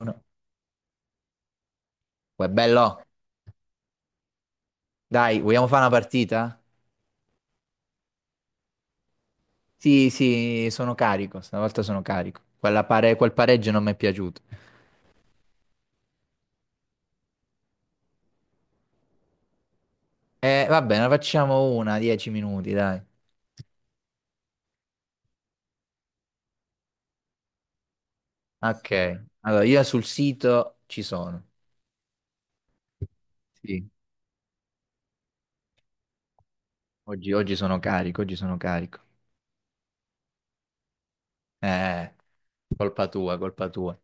Uno. Uè, bello, dai, vogliamo fare una partita? Sì, sì, sono carico, stavolta sono carico. Quel pareggio non mi è piaciuto. Va bene, facciamo 10 minuti, dai. Ok, allora io sul sito ci sono. Sì, oggi, oggi sono carico, oggi sono carico. Eh, colpa tua, colpa tua.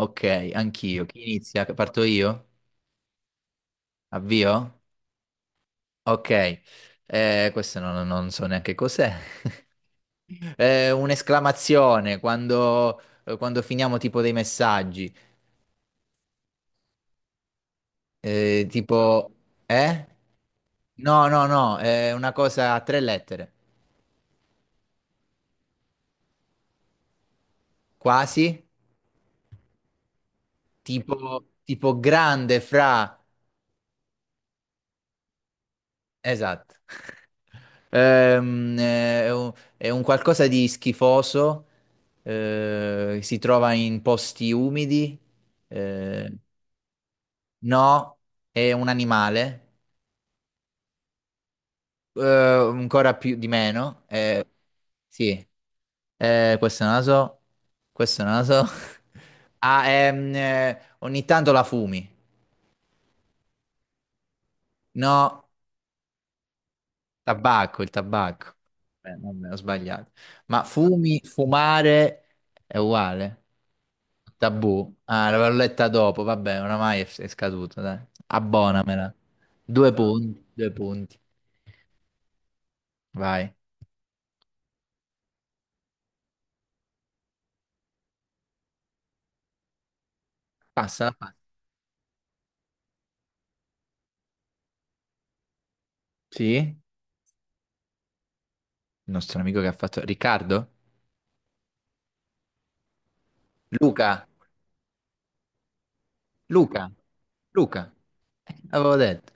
Ok, anch'io. Chi inizia? Parto io? Avvio? Ok, questo non so neanche cos'è. Un'esclamazione quando, quando finiamo tipo dei messaggi, tipo, eh? No, no, no, è una cosa a 3 lettere, quasi, tipo grande fra? Esatto. È un qualcosa di schifoso, si trova in posti umidi. eh, No, è un animale, eh, ancora più di meno. Eh, sì. Questo è naso, questo è naso. Ah, ogni tanto la fumi. No, tabacco, il tabacco. Vabbè, ho sbagliato. Ma fumi, fumare è uguale. Tabù. Ah, l'avevo letta dopo, vabbè, oramai è scaduto, dai. Abbonamela. Due punti, due punti. Vai. Passa, passa. Sì? Il nostro amico che ha fatto? Riccardo? Luca? Luca? Luca? Avevo detto.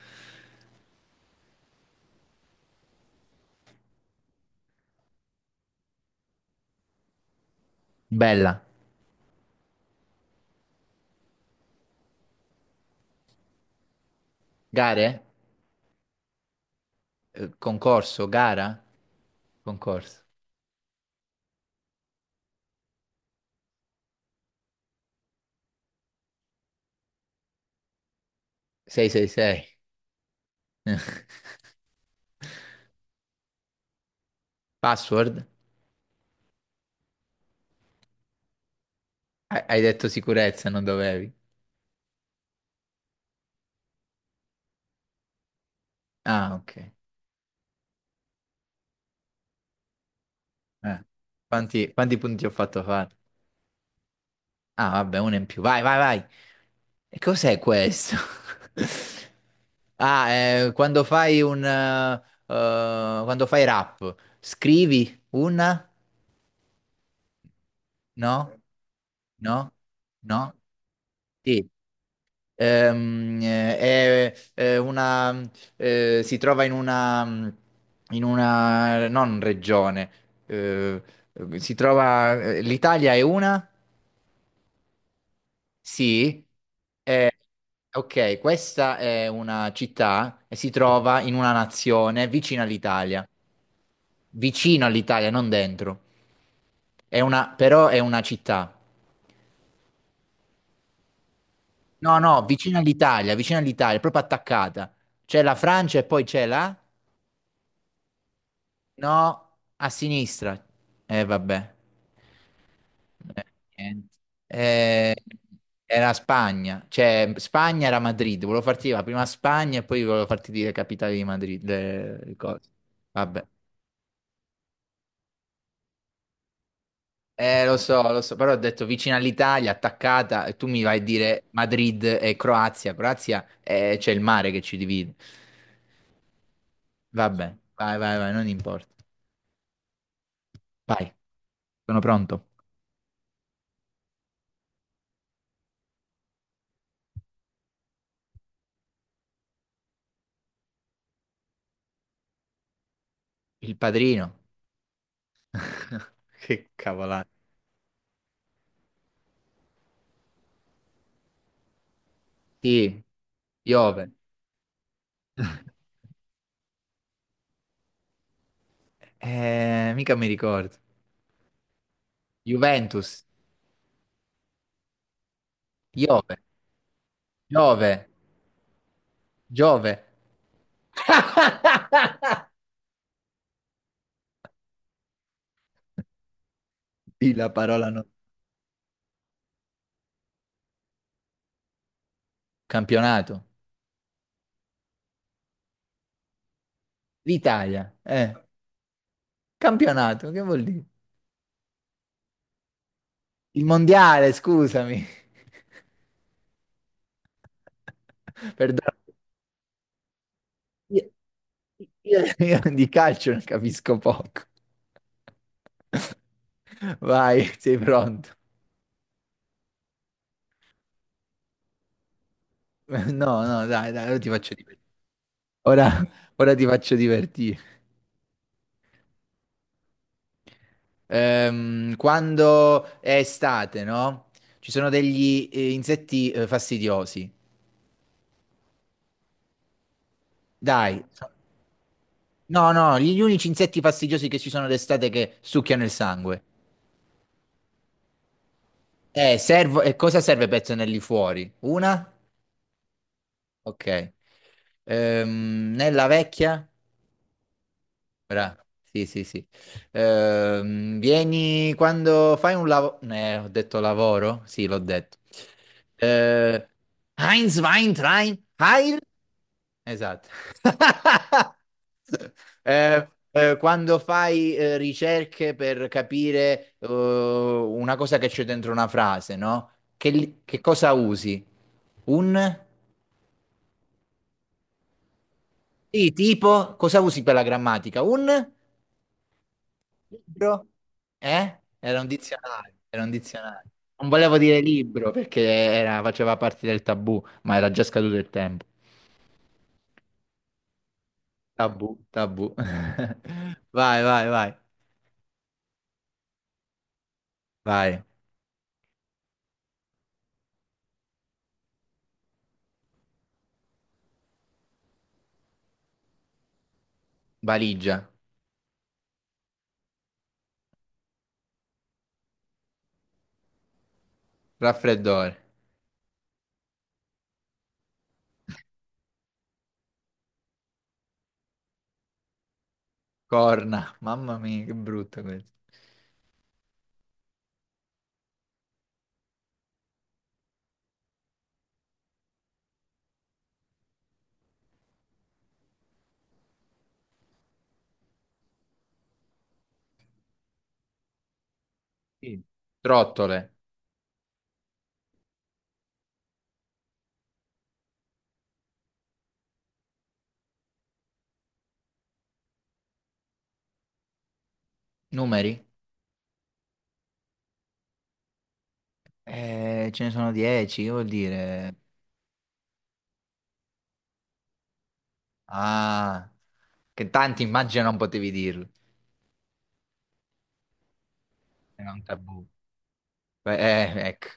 Bella. Gare? Concorso? Gara? Concorso. 666. Password? Hai detto sicurezza, non dovevi. Ah, ok. Eh. Quanti punti ho fatto fare? Ah, vabbè, uno in più. Vai, vai, vai. E cos'è questo? Ah, quando fai quando fai rap, scrivi una? No? No? No? Sì. È una, si trova in una, non regione. eh, si trova, l'Italia è una? Sì. Eh, ok, questa è una città e si trova in una nazione vicina all'Italia. Vicino all'Italia, non dentro. È una, però è una città. No, no, vicino all'Italia, proprio attaccata. C'è la Francia e poi c'è la? No, a sinistra. Vabbè. Eh, niente. Eh, era Spagna. Cioè, Spagna era Madrid. Volevo farti dire la prima Spagna e poi volevo farti dire capitale di Madrid. Le cose. Vabbè. Lo so, lo so, però ho detto vicino all'Italia, attaccata, e tu mi vai a dire Madrid e Croazia. Croazia, c'è il mare che ci divide. Vabbè, vai, vai, vai, non importa. Vai. Sono pronto. Il padrino. Che cavolata. Sì. Piove. Mica mi ricordo. Juventus. Piove. Giove. Giove. Di la parola no. Campionato. L'Italia. Campionato, che vuol dire? Il mondiale, scusami. Perdono. Io, io di calcio ne capisco poco. Vai, sei pronto? No, no, dai, dai, ora ti faccio divertire. Ora, ora ti faccio divertire. Quando è estate, no? Ci sono degli insetti fastidiosi. Dai. No, no, gli unici insetti fastidiosi che ci sono d'estate che succhiano il sangue. E cosa serve per tenerli fuori? Una? Ok. Nella vecchia? Sì, sì, sì. Vieni quando fai un lavoro. Ho detto lavoro? Sì, l'ho detto. Eh, Heinz, Wein, Train, Heil? Esatto. Quando fai ricerche per capire una cosa che c'è dentro una frase, no? Che cosa usi? Un? Sì, tipo, cosa usi per la grammatica? Un? Libro? Eh? Era un dizionario, era un dizionario. Non volevo dire libro perché faceva parte del tabù, ma era già scaduto il tempo. Tabù, tabù. Vai, vai, vai. Vai. Valigia, raffreddore, corna. Mamma mia, che brutto questo. Sì. Trottole, numeri? Ce ne sono 10, che vuol dire? Ah, che tanti immagino non potevi dirlo. Era un tabù. Beh, ecco.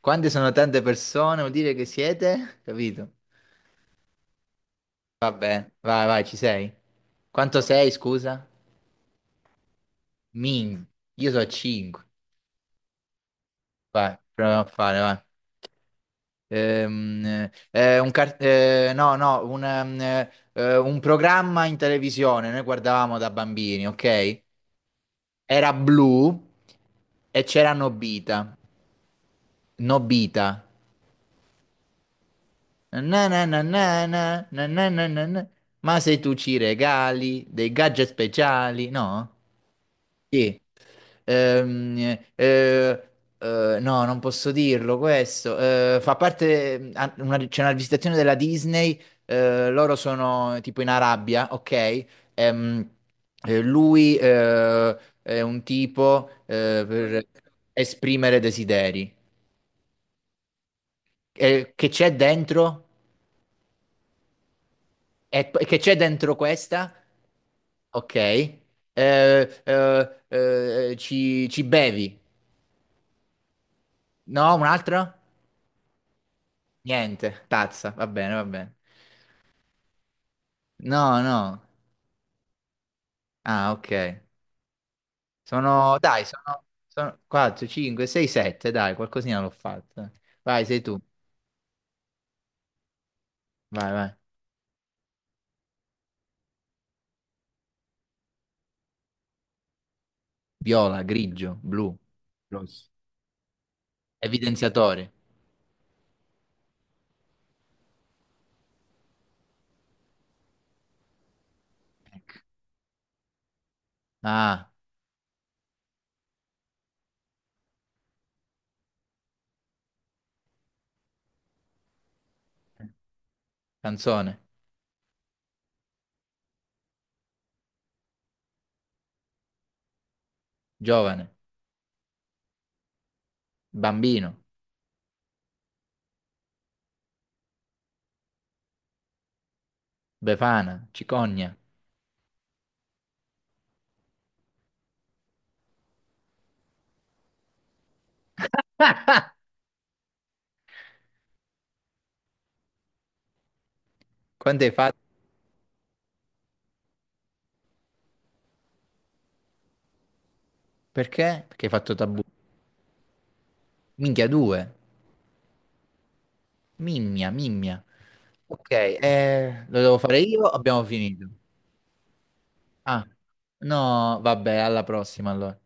Quante sono tante persone, vuol dire che siete? Capito? Vabbè, vai, vai, ci sei. Quanto sei, scusa? Min. Io so 5. Vai, proviamo a fare, vai. No, no, un programma in televisione, noi guardavamo da bambini, ok? Era blu e c'era Nobita. Nobita. Na na na na na, na na na na na. Ma se tu ci regali dei gadget speciali, no? Sì. Ehm, eh, no, non posso dirlo questo. Fa parte, ah, c'è una visitazione della Disney, loro sono tipo in Arabia, ok? Ehm, lui è un tipo per esprimere desideri. Che c'è dentro? Che c'è dentro questa? Ok. Ci bevi? No, un altro? Niente, tazza, va bene, va bene. No, no. Ah, ok. Sono, dai, sono 4, 5, 6, 7, dai, qualcosina l'ho fatta. Vai, sei tu. Vai, vai. Viola, grigio, blu. Evidenziatore. Ah, canzone. Giovane. Bambino. Befana. Cicogna. Quante hai fatto? Perché? Perché hai fatto tabù. Minchia, due. Mimmia, mimmia. Ok, lo devo fare io? Abbiamo finito. Ah, no, vabbè, alla prossima allora.